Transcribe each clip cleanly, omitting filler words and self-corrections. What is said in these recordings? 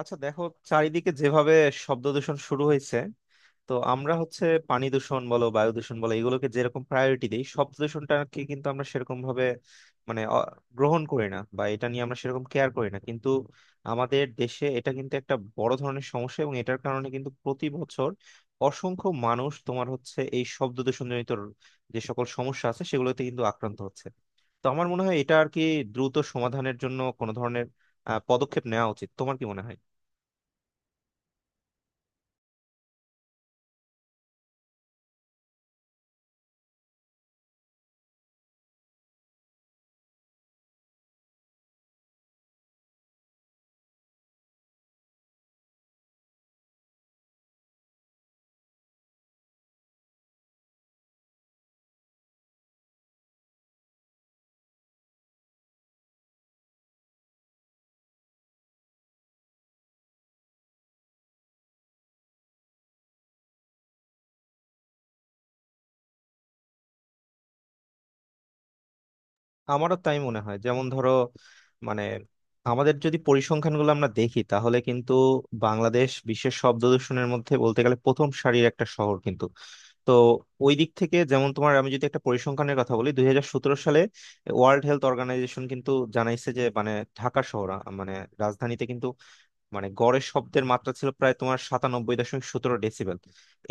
আচ্ছা দেখো, চারিদিকে যেভাবে শব্দ দূষণ শুরু হয়েছে, তো আমরা হচ্ছে পানি দূষণ বলো, বায়ু দূষণ বলো, এগুলোকে যেরকম প্রায়োরিটি দিই, শব্দ দূষণটাকে কিন্তু আমরা সেরকম ভাবে মানে গ্রহণ করি না, বা এটা নিয়ে আমরা সেরকম কেয়ার করি না, কিন্তু আমাদের দেশে এটা কিন্তু একটা বড় ধরনের সমস্যা। এবং এটার কারণে কিন্তু প্রতি বছর অসংখ্য মানুষ তোমার হচ্ছে এই শব্দ দূষণজনিত যে সকল সমস্যা আছে সেগুলোতে কিন্তু আক্রান্ত হচ্ছে। তো আমার মনে হয় এটা আর কি দ্রুত সমাধানের জন্য কোনো ধরনের পদক্ষেপ নেওয়া উচিত। তোমার কি মনে হয়? আমারও তাই মনে হয়। যেমন ধরো মানে আমাদের যদি পরিসংখ্যানগুলো আমরা দেখি তাহলে কিন্তু বাংলাদেশ বিশ্বের শব্দ দূষণের মধ্যে বলতে গেলে প্রথম সারির একটা শহর। কিন্তু তো ওই দিক থেকে যেমন তোমার আমি যদি একটা পরিসংখ্যানের কথা বলি, 2017 সালে ওয়ার্ল্ড হেলথ অর্গানাইজেশন কিন্তু জানাইছে যে মানে ঢাকা শহর মানে রাজধানীতে কিন্তু মানে গড়ে শব্দের মাত্রা ছিল প্রায় তোমার 97.17 ডেসিবেল।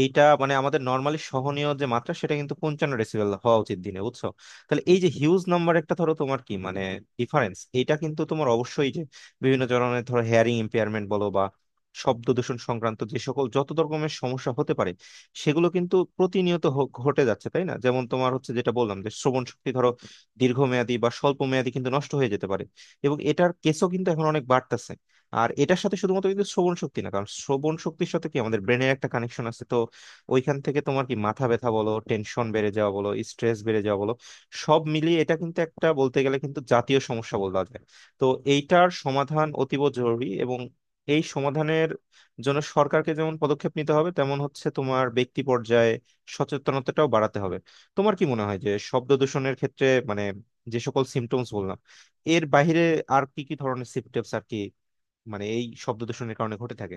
এইটা মানে আমাদের নর্মালি সহনীয় যে মাত্রা সেটা কিন্তু 55 ডেসিবেল হওয়া উচিত দিনে, বুঝছো? তাহলে এই যে হিউজ নাম্বার একটা ধরো তোমার কি মানে ডিফারেন্স এটা কিন্তু তোমার অবশ্যই যে বিভিন্ন ধরনের ধরো হেয়ারিং ইম্পেয়ারমেন্ট বলো বা শব্দ দূষণ সংক্রান্ত যে সকল যত রকমের সমস্যা হতে পারে সেগুলো কিন্তু প্রতিনিয়ত ঘটে যাচ্ছে, তাই না? যেমন তোমার হচ্ছে যেটা বললাম যে শ্রবণ শক্তি ধরো দীর্ঘমেয়াদী বা স্বল্প মেয়াদী কিন্তু নষ্ট হয়ে যেতে পারে। এবং এটার কেসও কিন্তু এখন অনেক বাড়তেছে। আর এটার সাথে শুধুমাত্র কিন্তু শ্রবণ শক্তি না, কারণ শ্রবণ শক্তির সাথে কি আমাদের ব্রেনের একটা কানেকশন আছে। তো ওইখান থেকে তোমার কি মাথা ব্যথা বলো, টেনশন বেড়ে যাওয়া বলো, স্ট্রেস বেড়ে যাওয়া বলো, সব মিলিয়ে এটা কিন্তু একটা বলতে গেলে কিন্তু জাতীয় সমস্যা বলা যায়। তো এইটার সমাধান অতীব জরুরি। এবং এই সমাধানের জন্য সরকারকে যেমন পদক্ষেপ নিতে হবে তেমন হচ্ছে তোমার ব্যক্তি পর্যায়ে সচেতনতাটাও বাড়াতে হবে। তোমার কি মনে হয় যে শব্দ দূষণের ক্ষেত্রে মানে যে সকল সিমটমস বললাম এর বাইরে আর কি কি ধরনের সিমটমস আর কি মানে এই শব্দ দূষণের কারণে ঘটে থাকে?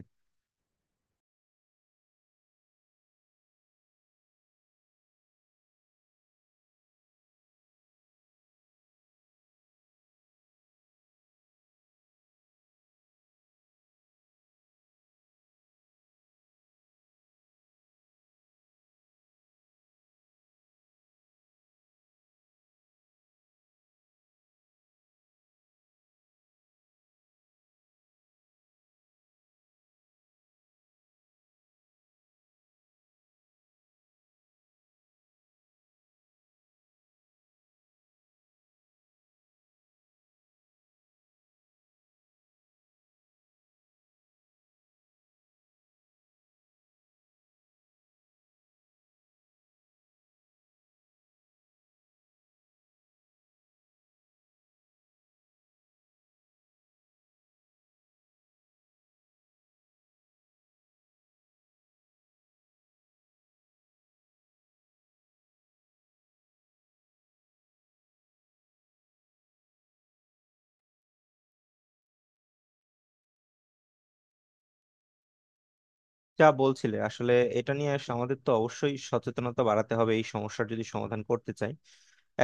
যা বলছিলে আসলে, এটা নিয়ে আমাদের তো অবশ্যই সচেতনতা বাড়াতে হবে এই সমস্যার যদি সমাধান করতে চাই।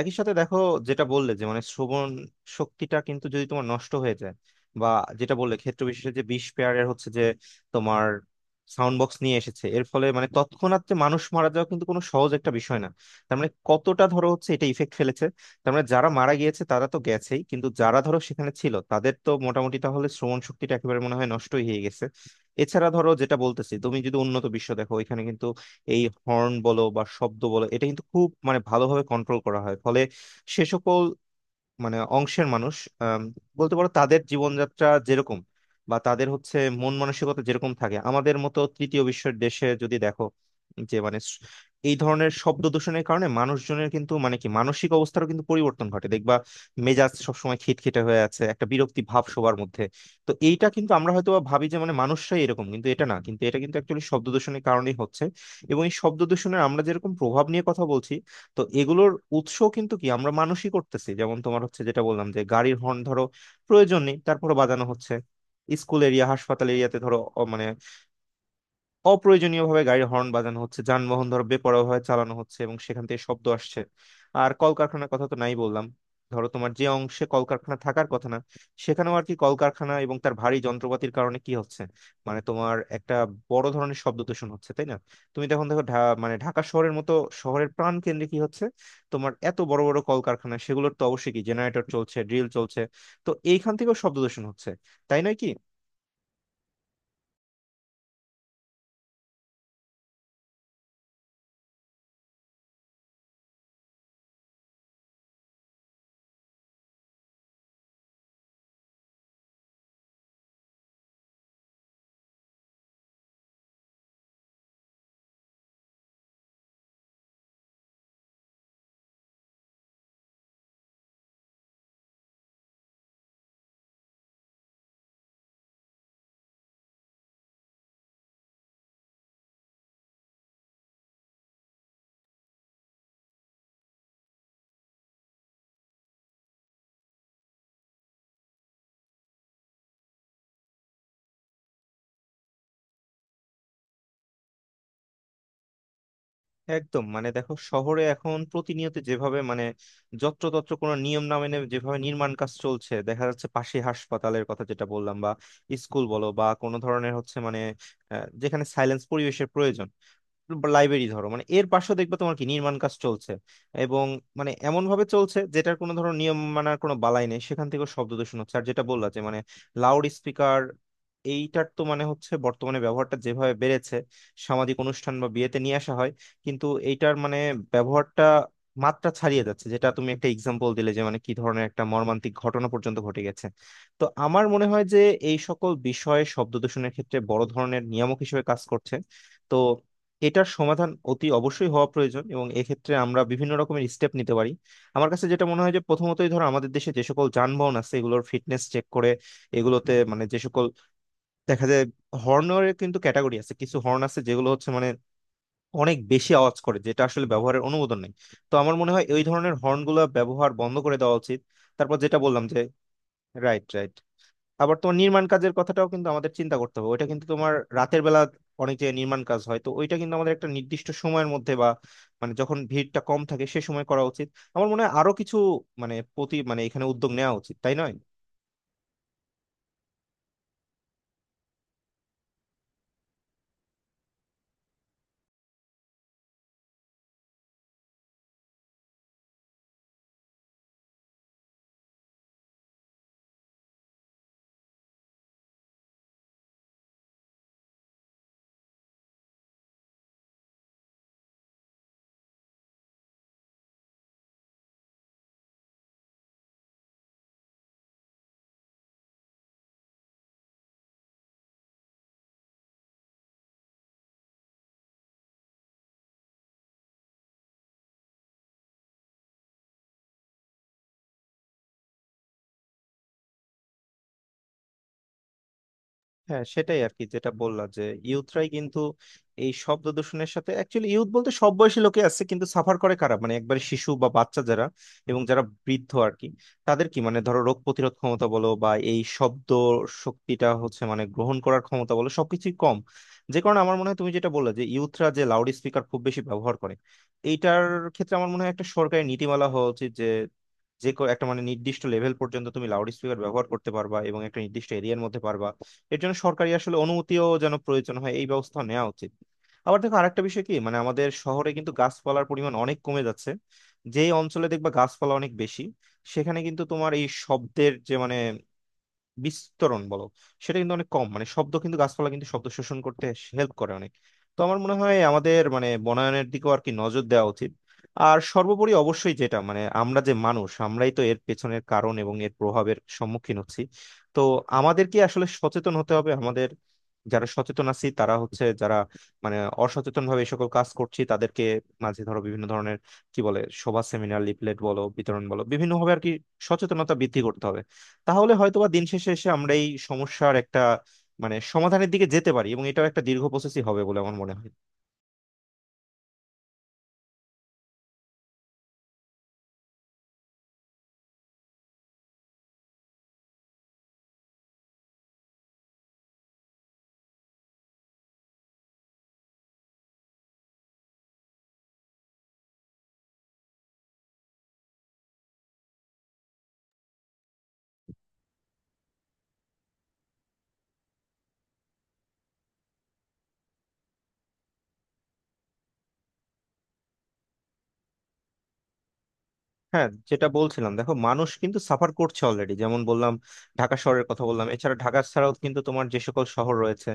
একই সাথে দেখো, যেটা বললে যে মানে শ্রবণ শক্তিটা কিন্তু যদি তোমার নষ্ট হয়ে যায় বা যেটা বললে ক্ষেত্র বিশেষে যে 20 পেয়ারের হচ্ছে যে তোমার সাউন্ড বক্স নিয়ে এসেছে, এর ফলে মানে তৎক্ষণাৎ যে মানুষ মারা যাওয়া কিন্তু কোনো সহজ একটা বিষয় না। তার মানে কতটা ধরো হচ্ছে এটা ইফেক্ট ফেলেছে। তার মানে যারা মারা গিয়েছে তারা তো গেছেই কিন্তু যারা ধরো সেখানে ছিল তাদের তো মোটামুটি তাহলে শ্রবণ শক্তিটা একেবারে মনে হয় নষ্টই হয়ে গেছে। এছাড়া ধরো যেটা বলতেছি তুমি যদি উন্নত বিশ্ব দেখো ওইখানে এই হর্ন বলো বা শব্দ বলো এটা কিন্তু খুব মানে ভালোভাবে কন্ট্রোল করা হয়, ফলে সে সকল মানে অংশের মানুষ আম, বলতে পারো তাদের জীবনযাত্রা যেরকম বা তাদের হচ্ছে মন মানসিকতা যেরকম থাকে। আমাদের মতো তৃতীয় বিশ্বের দেশে যদি দেখো যে মানে এই ধরনের শব্দ দূষণের কারণে মানুষজনের কিন্তু মানে কি মানসিক অবস্থারও কিন্তু পরিবর্তন ঘটে দেখবা। মেজাজ সবসময় খিটখিটে হয়ে আছে, একটা বিরক্তি ভাব সবার মধ্যে। তো এইটা কিন্তু আমরা হয়তো বা ভাবি যে মানে মানুষরাই এরকম কিন্তু এটা না, কিন্তু এটা কিন্তু অ্যাকচুয়ালি শব্দ দূষণের কারণেই হচ্ছে। এবং এই শব্দ দূষণের আমরা যেরকম প্রভাব নিয়ে কথা বলছি তো এগুলোর উৎস কিন্তু কি আমরা মানুষই করতেছি। যেমন তোমার হচ্ছে যেটা বললাম যে গাড়ির হর্ন ধরো প্রয়োজন নেই তারপরে বাজানো হচ্ছে, স্কুল এরিয়া, হাসপাতাল এরিয়াতে ধরো মানে অপ্রয়োজনীয়ভাবে গাড়ির হর্ন বাজানো হচ্ছে, যানবাহন ধরো বেপরোয়াভাবে চালানো হচ্ছে এবং সেখান থেকে শব্দ আসছে। আর কলকারখানার কথা তো নাই বললাম। ধরো তোমার যে অংশে কলকারখানা থাকার কথা না সেখানেও আর কি কলকারখানা এবং তার ভারী যন্ত্রপাতির কারণে কি হচ্ছে মানে তোমার একটা বড় ধরনের শব্দ দূষণ হচ্ছে, তাই না? তুমি তখন দেখো মানে ঢাকা শহরের মতো শহরের প্রাণ কেন্দ্রে কি হচ্ছে, তোমার এত বড় বড় কলকারখানা সেগুলোর তো অবশ্যই কি জেনারেটর চলছে, ড্রিল চলছে। তো এইখান থেকেও শব্দ দূষণ হচ্ছে, তাই নয় কি? একদম, মানে দেখো শহরে এখন প্রতিনিয়ত যেভাবে মানে যত্রতত্র কোনো নিয়ম না মেনে যেভাবে নির্মাণ কাজ চলছে, দেখা যাচ্ছে পাশে হাসপাতালের কথা যেটা বললাম বা স্কুল বলো বা কোনো ধরনের হচ্ছে মানে যেখানে সাইলেন্স পরিবেশের প্রয়োজন, লাইব্রেরি ধরো মানে এর পাশেও দেখবে তোমার কি নির্মাণ কাজ চলছে। এবং মানে এমন ভাবে চলছে যেটার কোনো ধরো নিয়ম মানার কোনো বালাই নেই, সেখান থেকে শব্দ দূষণ হচ্ছে। আর যেটা বললা যে মানে লাউড স্পিকার এইটার তো মানে হচ্ছে বর্তমানে ব্যবহারটা যেভাবে বেড়েছে, সামাজিক অনুষ্ঠান বা বিয়েতে নিয়ে আসা হয় কিন্তু এইটার মানে ব্যবহারটা মাত্রা ছাড়িয়ে যাচ্ছে, যেটা তুমি একটা এক্সাম্পল দিলে যে মানে কি ধরনের একটা মর্মান্তিক ঘটনা পর্যন্ত ঘটে গেছে। তো আমার মনে হয় যে এই সকল বিষয়ে শব্দ দূষণের ক্ষেত্রে বড় ধরনের নিয়ামক হিসেবে কাজ করছে। তো এটার সমাধান অতি অবশ্যই হওয়া প্রয়োজন এবং এক্ষেত্রে আমরা বিভিন্ন রকমের স্টেপ নিতে পারি। আমার কাছে যেটা মনে হয় যে প্রথমতই ধরো আমাদের দেশে যে সকল যানবাহন আছে এগুলোর ফিটনেস চেক করে এগুলোতে মানে যে সকল দেখা যায় হর্নের কিন্তু ক্যাটাগরি আছে, কিছু হর্ন আছে যেগুলো হচ্ছে মানে অনেক বেশি আওয়াজ করে যেটা আসলে ব্যবহারের অনুমোদন নেই। তো আমার মনে হয় ওই ধরনের হর্নগুলো ব্যবহার বন্ধ করে দেওয়া উচিত। তারপর যেটা বললাম যে রাইট, রাইট। আবার তোমার নির্মাণ কাজের কথাটাও কিন্তু আমাদের চিন্তা করতে হবে, ওইটা কিন্তু তোমার রাতের বেলা অনেক যে নির্মাণ কাজ হয় তো ওইটা কিন্তু আমাদের একটা নির্দিষ্ট সময়ের মধ্যে বা মানে যখন ভিড়টা কম থাকে সে সময় করা উচিত। আমার মনে হয় আরো কিছু মানে প্রতি মানে এখানে উদ্যোগ নেওয়া উচিত, তাই নয়? হ্যাঁ, সেটাই আর কি যেটা বললাম যে ইউথরাই কিন্তু এই শব্দ দূষণের সাথে অ্যাকচুয়ালি ইউথ বলতে সব বয়সী লোকে আছে কিন্তু সাফার করে কারা মানে একবারে শিশু বা বাচ্চা যারা এবং যারা বৃদ্ধ আর কি। তাদের কি মানে ধরো রোগ প্রতিরোধ ক্ষমতা বলো বা এই শব্দ শক্তিটা হচ্ছে মানে গ্রহণ করার ক্ষমতা বলো সবকিছুই কম। যে কারণে আমার মনে হয় তুমি যেটা বললে যে ইউথরা যে লাউড স্পিকার খুব বেশি ব্যবহার করে এইটার ক্ষেত্রে আমার মনে হয় একটা সরকারি নীতিমালা হওয়া উচিত যে যে একটা মানে নির্দিষ্ট লেভেল পর্যন্ত তুমি লাউড স্পিকার ব্যবহার করতে পারবা এবং একটা নির্দিষ্ট এরিয়ার মধ্যে পারবা, এর জন্য সরকারি আসলে অনুমতিও যেন প্রয়োজন হয় এই ব্যবস্থা নেওয়া উচিত। আবার দেখো আরেকটা বিষয় কি মানে আমাদের শহরে কিন্তু গাছপালার পরিমাণ অনেক কমে যাচ্ছে। যেই অঞ্চলে দেখবা গাছপালা অনেক বেশি সেখানে কিন্তু তোমার এই শব্দের যে মানে বিস্তরণ বলো সেটা কিন্তু অনেক কম মানে শব্দ কিন্তু গাছপালা কিন্তু শব্দ শোষণ করতে হেল্প করে অনেক। তো আমার মনে হয় আমাদের মানে বনায়নের দিকেও আর কি নজর দেওয়া উচিত। আর সর্বোপরি অবশ্যই যেটা মানে আমরা যে মানুষ আমরাই তো এর পেছনের কারণ এবং এর প্রভাবের সম্মুখীন হচ্ছি। তো আমাদেরকে আসলে সচেতন হতে হবে। আমাদের যারা সচেতন আছি তারা হচ্ছে যারা মানে অসচেতন ভাবে এই সকল কাজ করছি তাদেরকে মাঝে ধরো বিভিন্ন ধরনের কি বলে সভা, সেমিনার, লিফলেট বলো বিতরণ বলো বিভিন্ন ভাবে আর কি সচেতনতা বৃদ্ধি করতে হবে। তাহলে হয়তোবা দিন শেষে এসে আমরা এই সমস্যার একটা মানে সমাধানের দিকে যেতে পারি এবং এটাও একটা দীর্ঘ প্রসেসই হবে বলে আমার মনে হয়। হ্যাঁ, যেটা বলছিলাম দেখো মানুষ কিন্তু সাফার করছে অলরেডি। যেমন বললাম ঢাকা শহরের কথা বললাম, এছাড়া ঢাকা ছাড়াও কিন্তু তোমার যে সকল শহর রয়েছে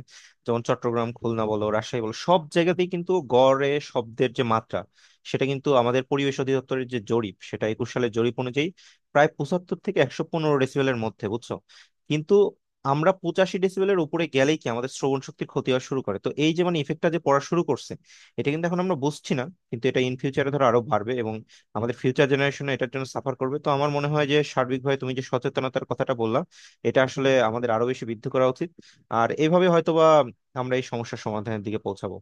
যেমন চট্টগ্রাম, খুলনা বলো, রাজশাহী বলো সব জায়গাতেই কিন্তু গড়ে শব্দের যে মাত্রা সেটা কিন্তু আমাদের পরিবেশ অধিদপ্তরের যে জরিপ সেটা 21 সালের জরিপ অনুযায়ী প্রায় 75 থেকে 115 ডেসিবেলের মধ্যে, বুঝছো? কিন্তু আমরা 85 ডেসিবেলের উপরে গেলেই কি আমাদের শ্রবণ শক্তির ক্ষতি হওয়া শুরু করে। তো এই যে মানে ইফেক্টটা যে পড়া শুরু করছে এটা কিন্তু এখন আমরা বুঝছি না কিন্তু এটা ইন ফিউচারে ধরো আরো বাড়বে। আমাদের ফিউচার জেনারেশন এটার জন্য সাফার করবে। তো আমার মনে হয় যে সার্বিকভাবে তুমি যে সচেতনতার কথাটা বললা এটা আসলে আমাদের আরো বেশি বৃদ্ধি করা উচিত। আর এইভাবে হয়তোবা আমরা এই সমস্যার সমাধানের দিকে পৌঁছাবো।